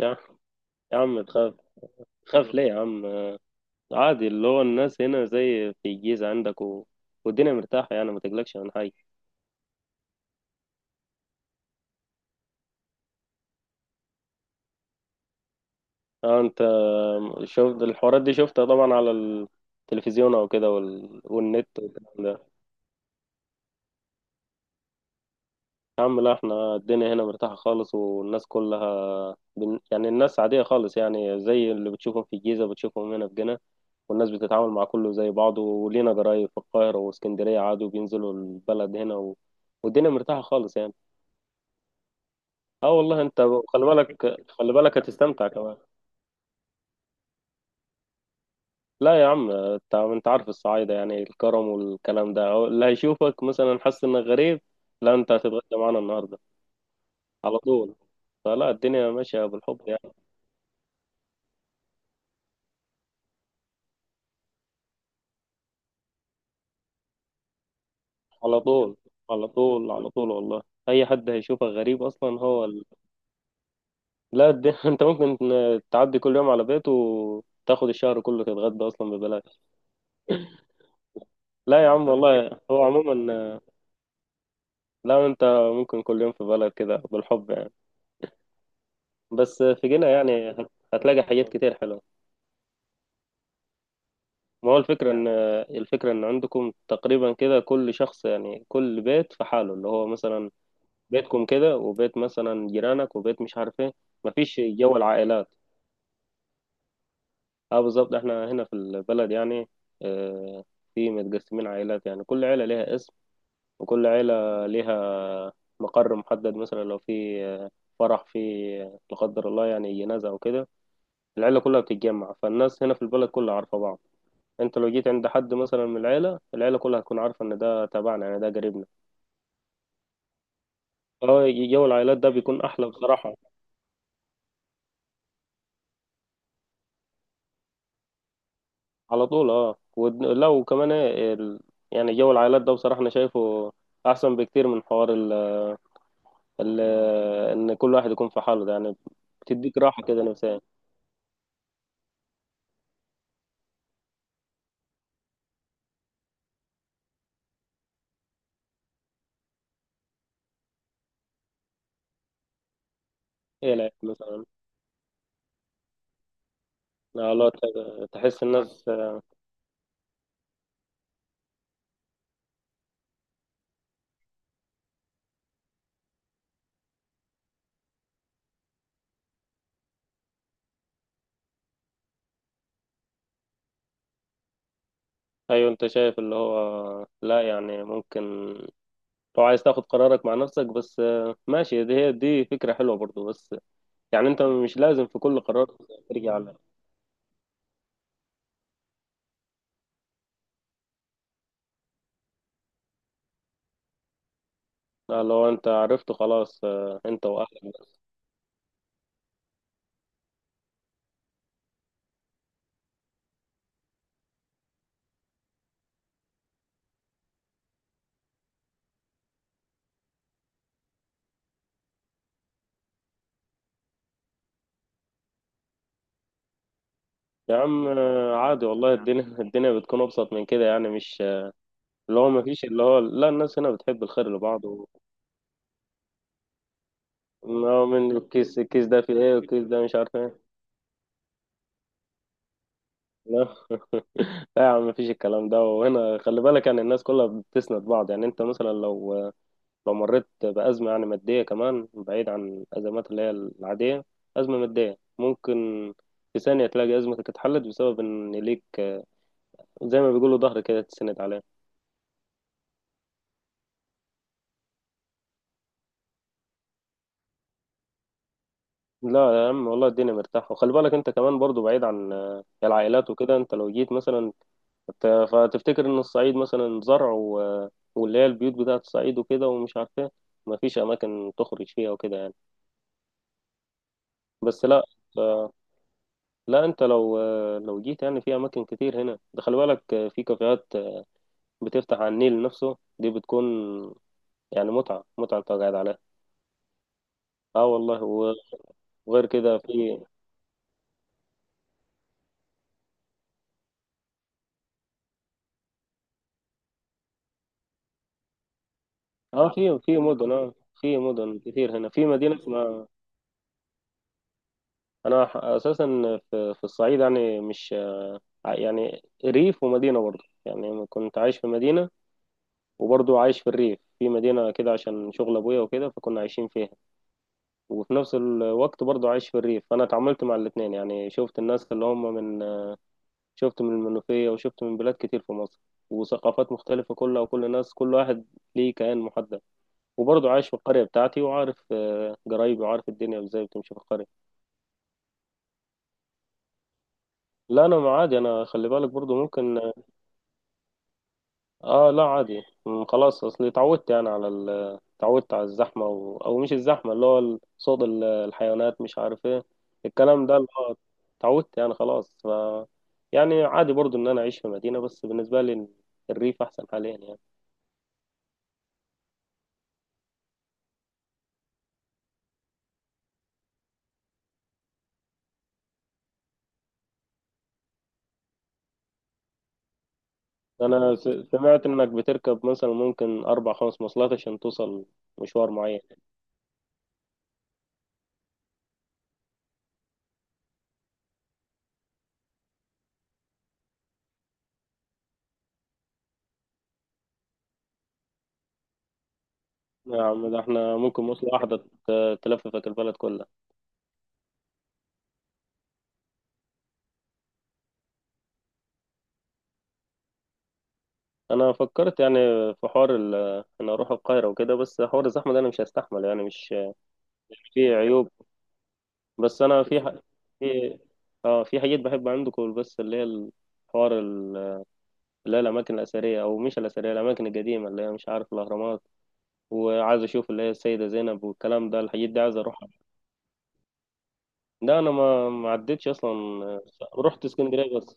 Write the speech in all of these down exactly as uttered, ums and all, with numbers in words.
يا يا عم، تخاف تخاف ليه يا عم؟ عادي، اللي هو الناس هنا زي في الجيزة عندك و... والدنيا مرتاحة، يعني ما تقلقش من حاجة. اه انت شفت الحوارات دي، شفتها طبعا على التلفزيون او كده وال... والنت والكلام ده. يا عم لا، احنا الدنيا هنا مرتاحة خالص، والناس كلها بن... يعني الناس عادية خالص، يعني زي اللي بتشوفهم في الجيزة بتشوفهم هنا في جنة. والناس بتتعامل مع كله زي بعضه، ولينا قرايب في القاهرة واسكندرية عادي، وبينزلوا البلد هنا و... والدنيا مرتاحة خالص يعني. اه والله. انت خلي بالك، خلي بالك هتستمتع كمان. لا يا عم، انت انت عارف الصعايده، يعني الكرم والكلام ده، أو اللي هيشوفك مثلا حس انك غريب. لا، انت هتتغدى معانا النهارده على طول. فلا، الدنيا ماشيه بالحب يعني. على طول، على طول، على طول والله. اي حد هيشوفك غريب اصلا هو ال... لا الد... انت ممكن تعدي كل يوم على بيته، وتاخد الشهر كله تتغدى اصلا ببلاش. لا يا عم والله، هو عموما. لا انت، ممكن كل يوم في بلد كده بالحب يعني. بس في جنة يعني هت- هتلاقي حاجات كتير حلوة. ما هو الفكرة إن، الفكرة إن عندكم تقريبا كده كل شخص، يعني كل بيت في حاله، اللي هو مثلا بيتكم كده، وبيت مثلا جيرانك، وبيت مش عارف إيه. مفيش جو العائلات. أه بالظبط، إحنا هنا في البلد يعني آه، في متقسمين عائلات، يعني كل عيلة ليها اسم، وكل عيلة ليها مقر محدد. مثلا لو في آه، فرح، في آه، لا قدر الله يعني جنازة أو كده، العيلة كلها بتتجمع. فالناس هنا في البلد كلها عارفة بعض. انت لو جيت عند حد مثلا من العيله، العيله كلها هتكون عارفه ان ده تبعنا، يعني ده قريبنا. اه، جو العائلات ده بيكون احلى بصراحه. على طول. اه ولو كمان ايه ال... يعني جو العائلات ده بصراحه انا شايفه احسن بكتير من حوار ال... ال... ان كل واحد يكون في حاله، ده يعني بتديك راحه كده نفسيا. ايه؟ لا مثلا. لا لا، ت- تحس الناس. ايوه، انت شايف اللي هو لا، يعني ممكن لو عايز تاخد قرارك مع نفسك بس. آه، ماشي، دي هي دي فكرة حلوة برضو. بس يعني انت مش لازم في كل قرار ترجع على. آه، لو انت عرفت خلاص، آه، انت واهلك بس. يا عم آه، عادي والله، الدنيا الدنيا بتكون ابسط من كده يعني، مش آه، اللي هو ما فيش اللي هو، لا الناس هنا بتحب الخير لبعض و... آه، من الكيس، الكيس ده في ايه، والكيس ده مش عارف ايه. لا لا يا عم، مفيش الكلام ده. وهنا خلي بالك، يعني الناس كلها بتسند بعض. يعني انت مثلا لو لو مريت بأزمة، يعني مادية، كمان بعيد عن الأزمات اللي هي العادية، أزمة مادية ممكن في ثانية تلاقي أزمتك اتحلت بسبب إن ليك آه، زي ما بيقولوا ظهر كده تسند عليه. لا يا عم والله، الدنيا مرتاحة. وخلي بالك أنت كمان برضو، بعيد عن آه، العائلات وكده، أنت لو جيت مثلا ت- فتفتكر إن الصعيد مثلا زرع و... آه، واللي هي البيوت بتاعة الصعيد وكده، ومش عارف إيه، مفيش أماكن تخرج فيها وكده يعني. بس لا، لا انت لو، لو جيت يعني، في اماكن كتير هنا، ده خلي بالك. في كافيهات بتفتح على النيل نفسه، دي بتكون يعني متعة، متعة انت قاعد عليها. اه والله. وغير كده في اه، في في مدن اه، في مدن كتير هنا، في مدينة اسمها. انا اساسا في, في الصعيد يعني، مش يعني ريف ومدينة برضه، يعني كنت عايش في مدينة وبرضه عايش في الريف، في مدينة كده عشان شغل ابويا وكده، فكنا عايشين فيها. وفي نفس الوقت برضه عايش في الريف، فانا اتعاملت مع الاثنين يعني. شفت الناس اللي هم من، شفت من المنوفية وشفت من بلاد كتير في مصر، وثقافات مختلفة كلها، وكل الناس كل واحد ليه كيان محدد. وبرضه عايش في القرية بتاعتي، وعارف آه، قرايبي، وعارف الدنيا ازاي بتمشي في القرية. لا انا، ما عادي انا، خلي بالك برضه ممكن. اه لا عادي، م، خلاص. اصلي اتعودت يعني على ال اتعودت على الزحمة و... او مش الزحمة، اللي هو ال- صوت ال- الحيوانات، مش عارف ايه، الكلام ده اللي هو، اتعودت يعني خلاص. ف يعني عادي برضو ان انا اعيش في مدينة، بس بالنسبة لي الريف احسن حاليا يعني. انا س- سمعت انك بتركب مثلا، ممكن اربع خمس مواصلات عشان توصل مشوار معين. يا عم ده احنا ممكن مواصلة واحدة ت- تلففك البلد كلها. انا فكرت يعني في حوار ال- ان اروح القاهره وكده، بس حوار الزحمه ده انا مش هستحمل يعني، مش. في عيوب. بس انا في ح... في اه، في حاجات بحب عندكم، بس اللي هي الحوار ال- اللي هي الاماكن الاثريه، او مش الاثريه، الاماكن القديمه اللي هي مش عارف، الاهرامات، وعايز اشوف اللي هي السيده زينب والكلام ده، الحاجات دي عايز اروحها. ده انا، ما ما عدتش اصلا. رحت اسكندريه بس.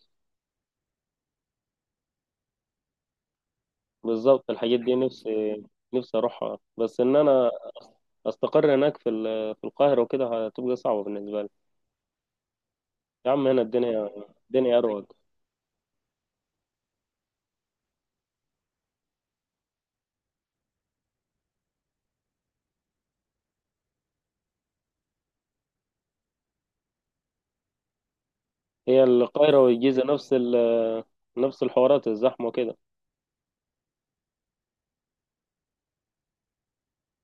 بالظبط الحاجات دي نفسي، نفسي اروحها. بس ان انا استقر هناك في ال- في القاهره وكده، هتبقى صعبه بالنسبه لي. يا عم هنا الدنيا، الدنيا اروق. هي القاهرة والجيزة نفس ال نفس الحوارات، الزحمة وكده.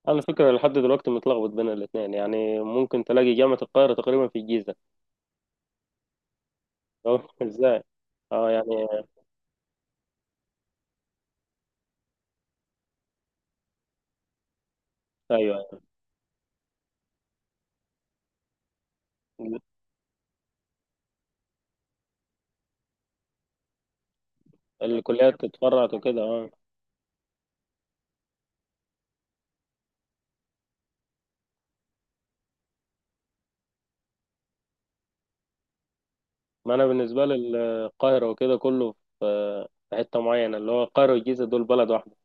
على فكرة لحد دلوقتي متلخبط بين الاتنين، يعني ممكن تلاقي جامعة القاهرة تقريبا في الجيزة. أه، ازاي؟ اه يعني. ايوه، الكليات اتفرعت وكده، اه. ما انا بالنسبة لي القاهرة وكده كله في، في حتة معينة، اللي هو القاهرة والجيزة دول بلد واحدة.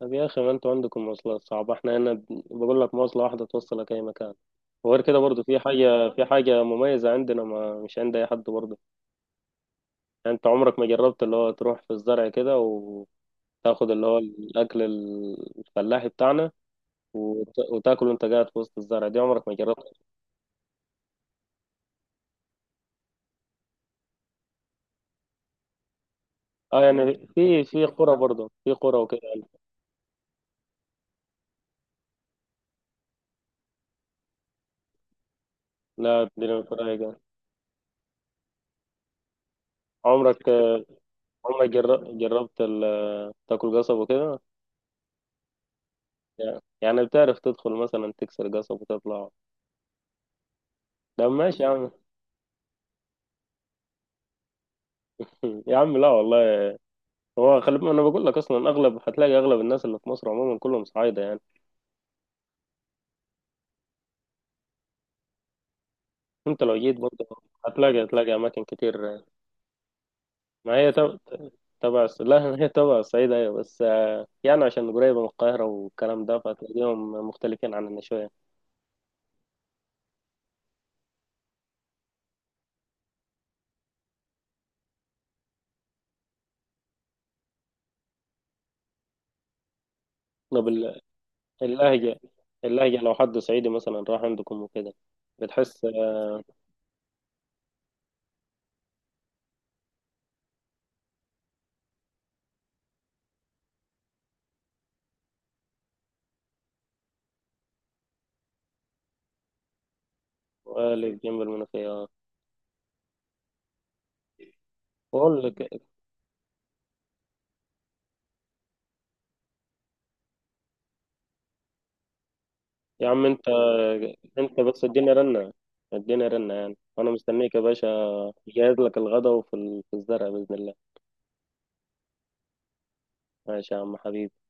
طب يا أخي، ما أنتوا عندكم مواصلات صعبة، إحنا هنا ب- بقول لك، مواصلة واحدة توصلك أي مكان. وغير كده برضه في حاجة، في حاجة مميزة عندنا، ما مش عند أي حد برضه. يعني أنت عمرك ما جربت اللي هو تروح في الزرع كده، وتاخد اللي هو الأكل الفلاحي بتاعنا، وت- وتاكله أنت قاعد في وسط الزرع، دي عمرك ما جربت. أه يعني، في في قرى برضه، في قرى وكده يعني. لا الدنيا مش رايقة. عمرك، عمرك جر- جربت ال- تاكل قصب وكده يعني، بتعرف تدخل مثلا تكسر قصب وتطلع؟ لا ماشي يا عم. يا عم لا والله. هو خلي بالك، انا بقول لك اصلا اغلب، هتلاقي اغلب الناس اللي في مصر عموما كلهم صعايده يعني. انت لو جيت برضه هتلاقي هتلاقي اماكن كتير. ما هي تب- تبع الص- لا هي تبع الصعيد ايوه، بس آه، يعني عشان قريبه من القاهره والكلام ده، فهتلاقيهم مختلفين عننا شويه. طب ال- اللهجه، اللهجه لو حد صعيدي مثلا راح عندكم وكده بتحس. قالب جنب المنوفيه آه. بقول لك، يا عم انت انت بس اديني رنه، اديني رنه يعني، وانا مستنيك يا باشا. جهز لك الغدا، وفي ال- في الزرع بإذن الله. ماشي يا عم حبيبي.